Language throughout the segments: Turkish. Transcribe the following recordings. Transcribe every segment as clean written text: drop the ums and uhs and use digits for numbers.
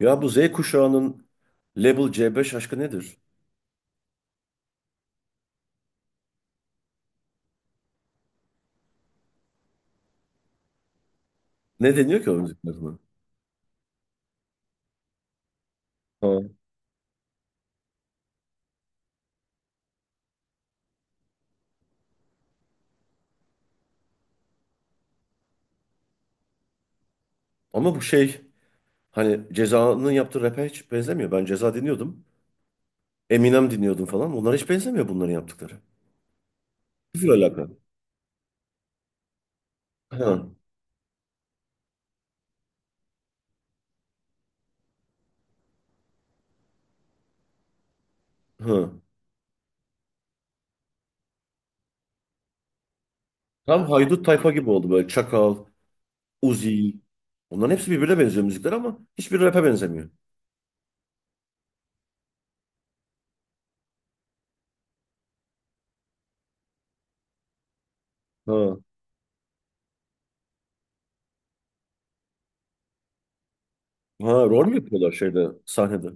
Ya bu Z kuşağının Label C5 aşkı nedir? Ne deniyor ki o müziklerine? Ha. Ama bu şey hani Ceza'nın yaptığı rap'e hiç benzemiyor. Ben Ceza dinliyordum. Eminem dinliyordum falan. Bunlar hiç benzemiyor bunların yaptıkları. Sıfır alaka. Hı, hı. Tam haydut tayfa gibi oldu böyle. Çakal, Uzi. Bunların hepsi birbirine benziyor müzikler ama hiçbir rap'e benzemiyor. Ha. Ha rol mü yapıyorlar şeyde sahnede?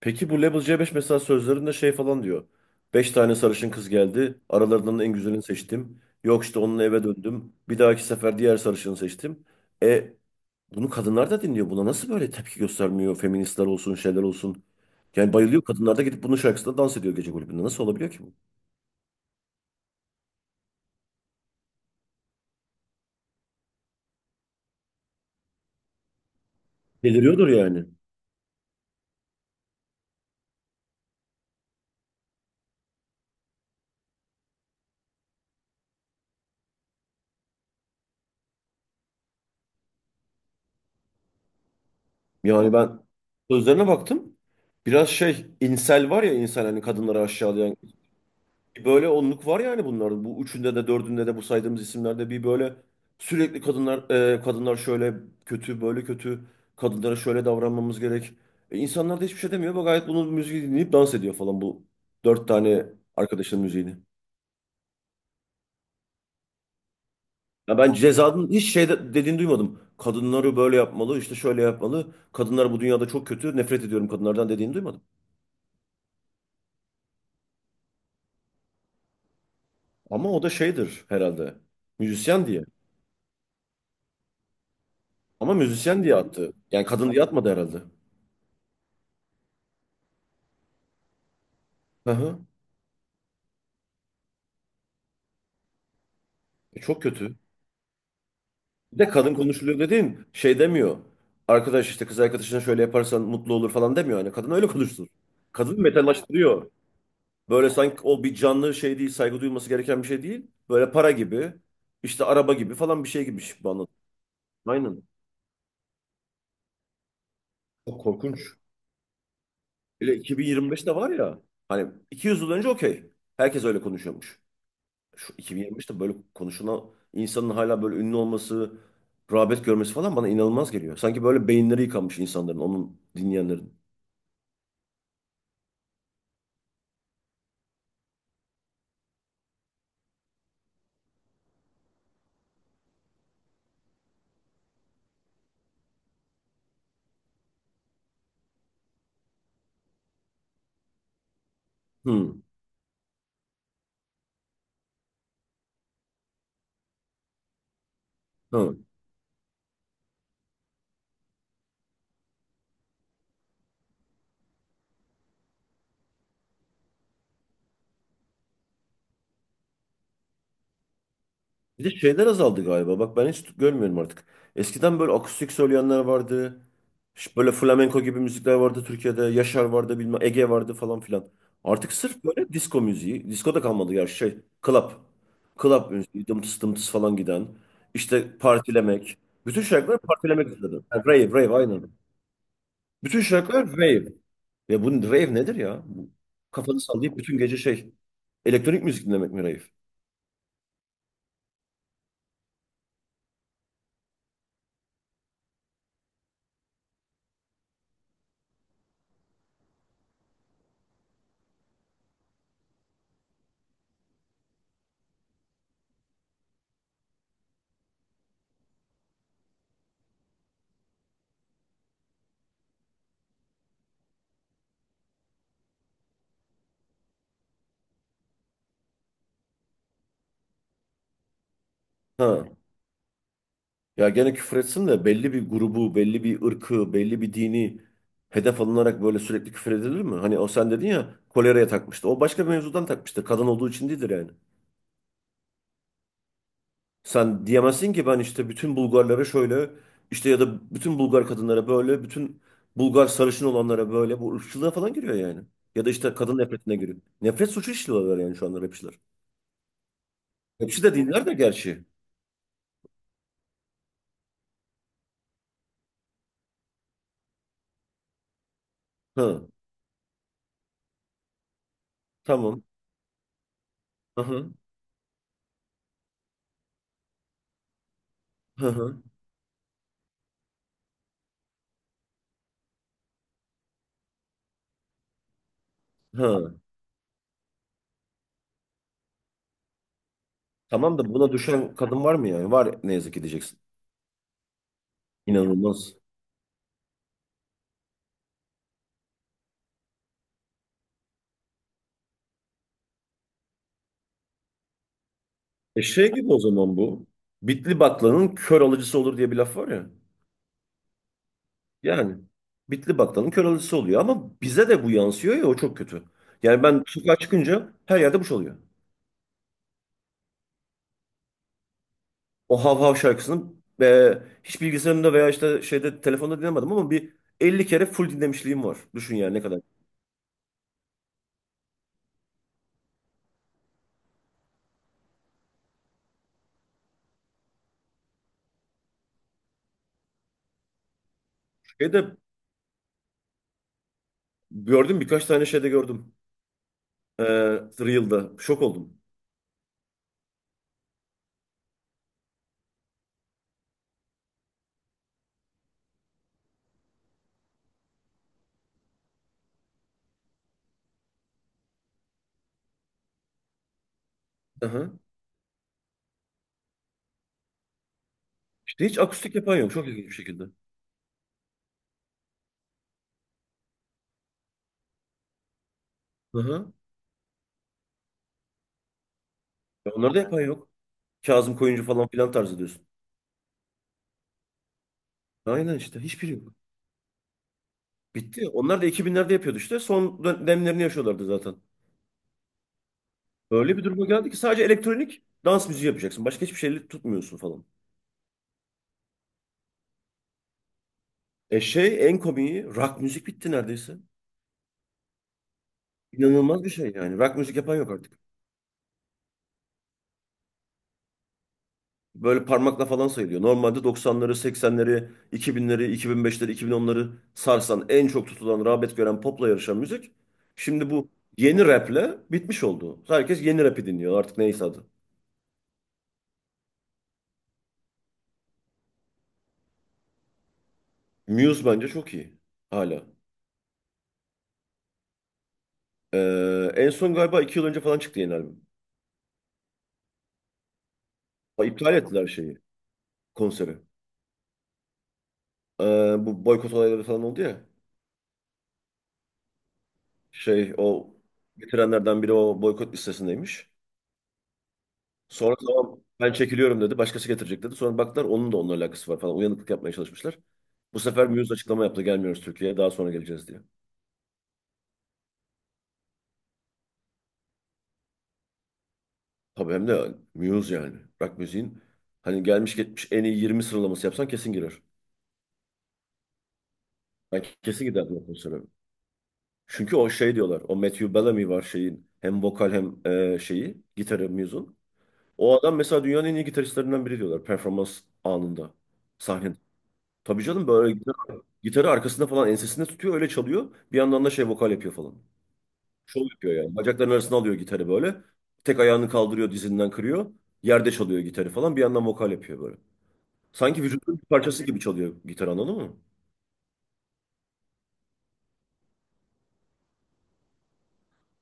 Peki bu Level C5 mesela sözlerinde şey falan diyor. Beş tane sarışın kız geldi. Aralarından en güzelini seçtim. Yok işte onunla eve döndüm. Bir dahaki sefer diğer sarışını seçtim. E bunu kadınlar da dinliyor. Buna nasıl böyle tepki göstermiyor? Feministler olsun, şeyler olsun. Yani bayılıyor. Kadınlar da gidip bunun şarkısında dans ediyor gece kulübünde. Nasıl olabiliyor ki bu? Deliriyordur yani. Yani ben sözlerine baktım. Biraz şey, insel var ya insan hani kadınları aşağılayan bir böyle onluk var yani bunların. Bu üçünde de dördünde de bu saydığımız isimlerde bir böyle sürekli kadınlar kadınlar şöyle kötü böyle kötü kadınlara şöyle davranmamız gerek. E, insanlar da hiçbir şey demiyor. Bak gayet bunun müziği dinleyip dans ediyor falan bu dört tane arkadaşın müziğini. Ya ben Ceza'nın hiç dediğini duymadım. Kadınları böyle yapmalı, işte şöyle yapmalı. Kadınlar bu dünyada çok kötü. Nefret ediyorum kadınlardan dediğini duymadım. Ama o da şeydir herhalde. Müzisyen diye. Ama müzisyen diye attı. Yani kadın diye atmadı herhalde. Hı hı. E, çok kötü. Bir de kadın konuşuluyor dediğin şey demiyor. Arkadaş işte kız arkadaşına şöyle yaparsan mutlu olur falan demiyor. Yani kadın öyle konuşur. Kadın metalaştırıyor. Böyle sanki o bir canlı şey değil, saygı duyulması gereken bir şey değil. Böyle para gibi, işte araba gibi falan bir şey gibi bu anladım. Aynen. Çok korkunç. Öyle 2025'te var ya. Hani 200 yıl önce okey. Herkes öyle konuşuyormuş. Şu 2025'te böyle konuşulan insanın hala böyle ünlü olması, rağbet görmesi falan bana inanılmaz geliyor. Sanki böyle beyinleri yıkanmış insanların, onun dinleyenlerin. Hı, hı. Bir de şeyler azaldı galiba. Bak ben hiç görmüyorum artık. Eskiden böyle akustik söyleyenler vardı. Böyle flamenko gibi müzikler vardı Türkiye'de. Yaşar vardı bilmem Ege vardı falan filan. Artık sırf böyle disco müziği. Disco da kalmadı ya şey. Club. Club müziği. Dımtıs dımtıs falan giden. İşte partilemek. Bütün şarkılar partilemek üzerine. Yani rave rave aynen. Bütün şarkılar rave. Ya bu rave nedir ya? Bu, kafanı sallayıp bütün gece şey. Elektronik müzik dinlemek mi rave? Ha. Ya gene küfür etsin de belli bir grubu, belli bir ırkı, belli bir dini hedef alınarak böyle sürekli küfür edilir mi? Hani o sen dedin ya koleraya takmıştı. O başka bir mevzudan takmıştır. Kadın olduğu için değildir yani. Sen diyemezsin ki ben işte bütün Bulgarlara şöyle işte ya da bütün Bulgar kadınlara böyle, bütün Bulgar sarışın olanlara böyle bu ırkçılığa falan giriyor yani. Ya da işte kadın nefretine giriyor. Nefret suçu işliyorlar yani şu anda rapçiler. Rapçi de dinler de gerçi. Hı, tamam. Hı hı. Hı hı. Hı. Tamam da buna düşen kadın var mı yani? Var ne yazık ki diyeceksin. İnanılmaz. E şey gibi o zaman bu. Bitli baklanın kör alıcısı olur diye bir laf var ya. Yani bitli baklanın kör alıcısı oluyor ama bize de bu yansıyor ya o çok kötü. Yani ben sokağa çıkınca her yerde bu çalıyor. O Hav Hav şarkısını e, hiç bilgisayarımda veya işte şeyde telefonda dinlemedim ama bir 50 kere full dinlemişliğim var. Düşün yani ne kadar. Şeyde gördüm birkaç tane şeyde gördüm. E, Reel'da. Şok oldum. Aha. İşte hiç akustik yapan yok. Çok ilginç bir şekilde. Aha. Ya onları da yapan yok. Kazım Koyuncu falan filan tarzı diyorsun. Aynen işte. Hiçbiri yok. Bitti. Onlar da 2000'lerde yapıyordu işte. Son dönemlerini yaşıyorlardı zaten. Öyle bir duruma geldi ki sadece elektronik dans müziği yapacaksın. Başka hiçbir şeyle tutmuyorsun falan. E şey en komiği rock müzik bitti neredeyse. İnanılmaz bir şey yani. Rock müzik yapan yok artık. Böyle parmakla falan sayılıyor. Normalde 90'ları, 80'leri, 2000'leri, 2005'leri, 2010'ları sarsan en çok tutulan, rağbet gören popla yarışan müzik. Şimdi bu yeni raple bitmiş oldu. Herkes yeni rapi dinliyor artık neyse adı. Muse bence çok iyi hala. En son galiba 2 yıl önce falan çıktı yeni albüm. İptal ettiler şeyi, konseri. Ee, Bu boykot olayları falan oldu ya. Şey o getirenlerden biri o boykot listesindeymiş. Sonra tamam ben çekiliyorum dedi. Başkası getirecek dedi. Sonra baktılar onun da onunla alakası var falan. Uyanıklık yapmaya çalışmışlar. Bu sefer Muse açıklama yaptı. Gelmiyoruz Türkiye'ye. Daha sonra geleceğiz diye. Tabii hem de Muse yani. Rock müziğin hani gelmiş geçmiş en iyi 20 sıralaması yapsan kesin girer. Ben kesin giderdim o konsere. Çünkü o şey diyorlar. O Matthew Bellamy var şeyin. Hem vokal hem şeyi. Gitarı Muse'un. O adam mesela dünyanın en iyi gitaristlerinden biri diyorlar. Performans anında. Sahne. Tabii canım böyle gitarı arkasında falan ensesinde tutuyor öyle çalıyor. Bir yandan da şey vokal yapıyor falan. Şov yapıyor yani. Bacakların arasına alıyor gitarı böyle. Tek ayağını kaldırıyor dizinden kırıyor. Yerde çalıyor gitarı falan. Bir yandan vokal yapıyor böyle. Sanki vücudun bir parçası gibi çalıyor gitar anladın mı?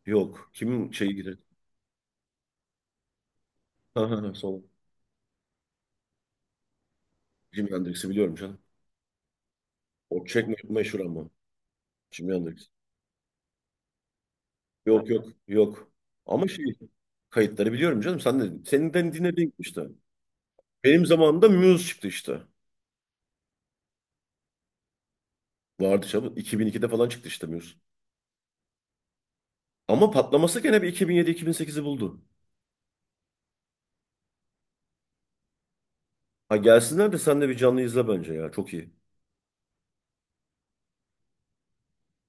Yok. Kimin şeyi gitarı? Ha ha ha sol. Jimi Hendrix'i biliyorum canım. O meşhur ama. Jimi Hendrix. Yok yok yok. Ama şey kayıtları biliyorum canım. Sen de, seninden dinlediğin işte. Benim zamanımda Muse çıktı işte. Vardı canım. 2002'de falan çıktı işte Muse. Ama patlaması gene bir 2007-2008'i buldu. Ha gelsinler de sen de bir canlı izle bence ya. Çok iyi.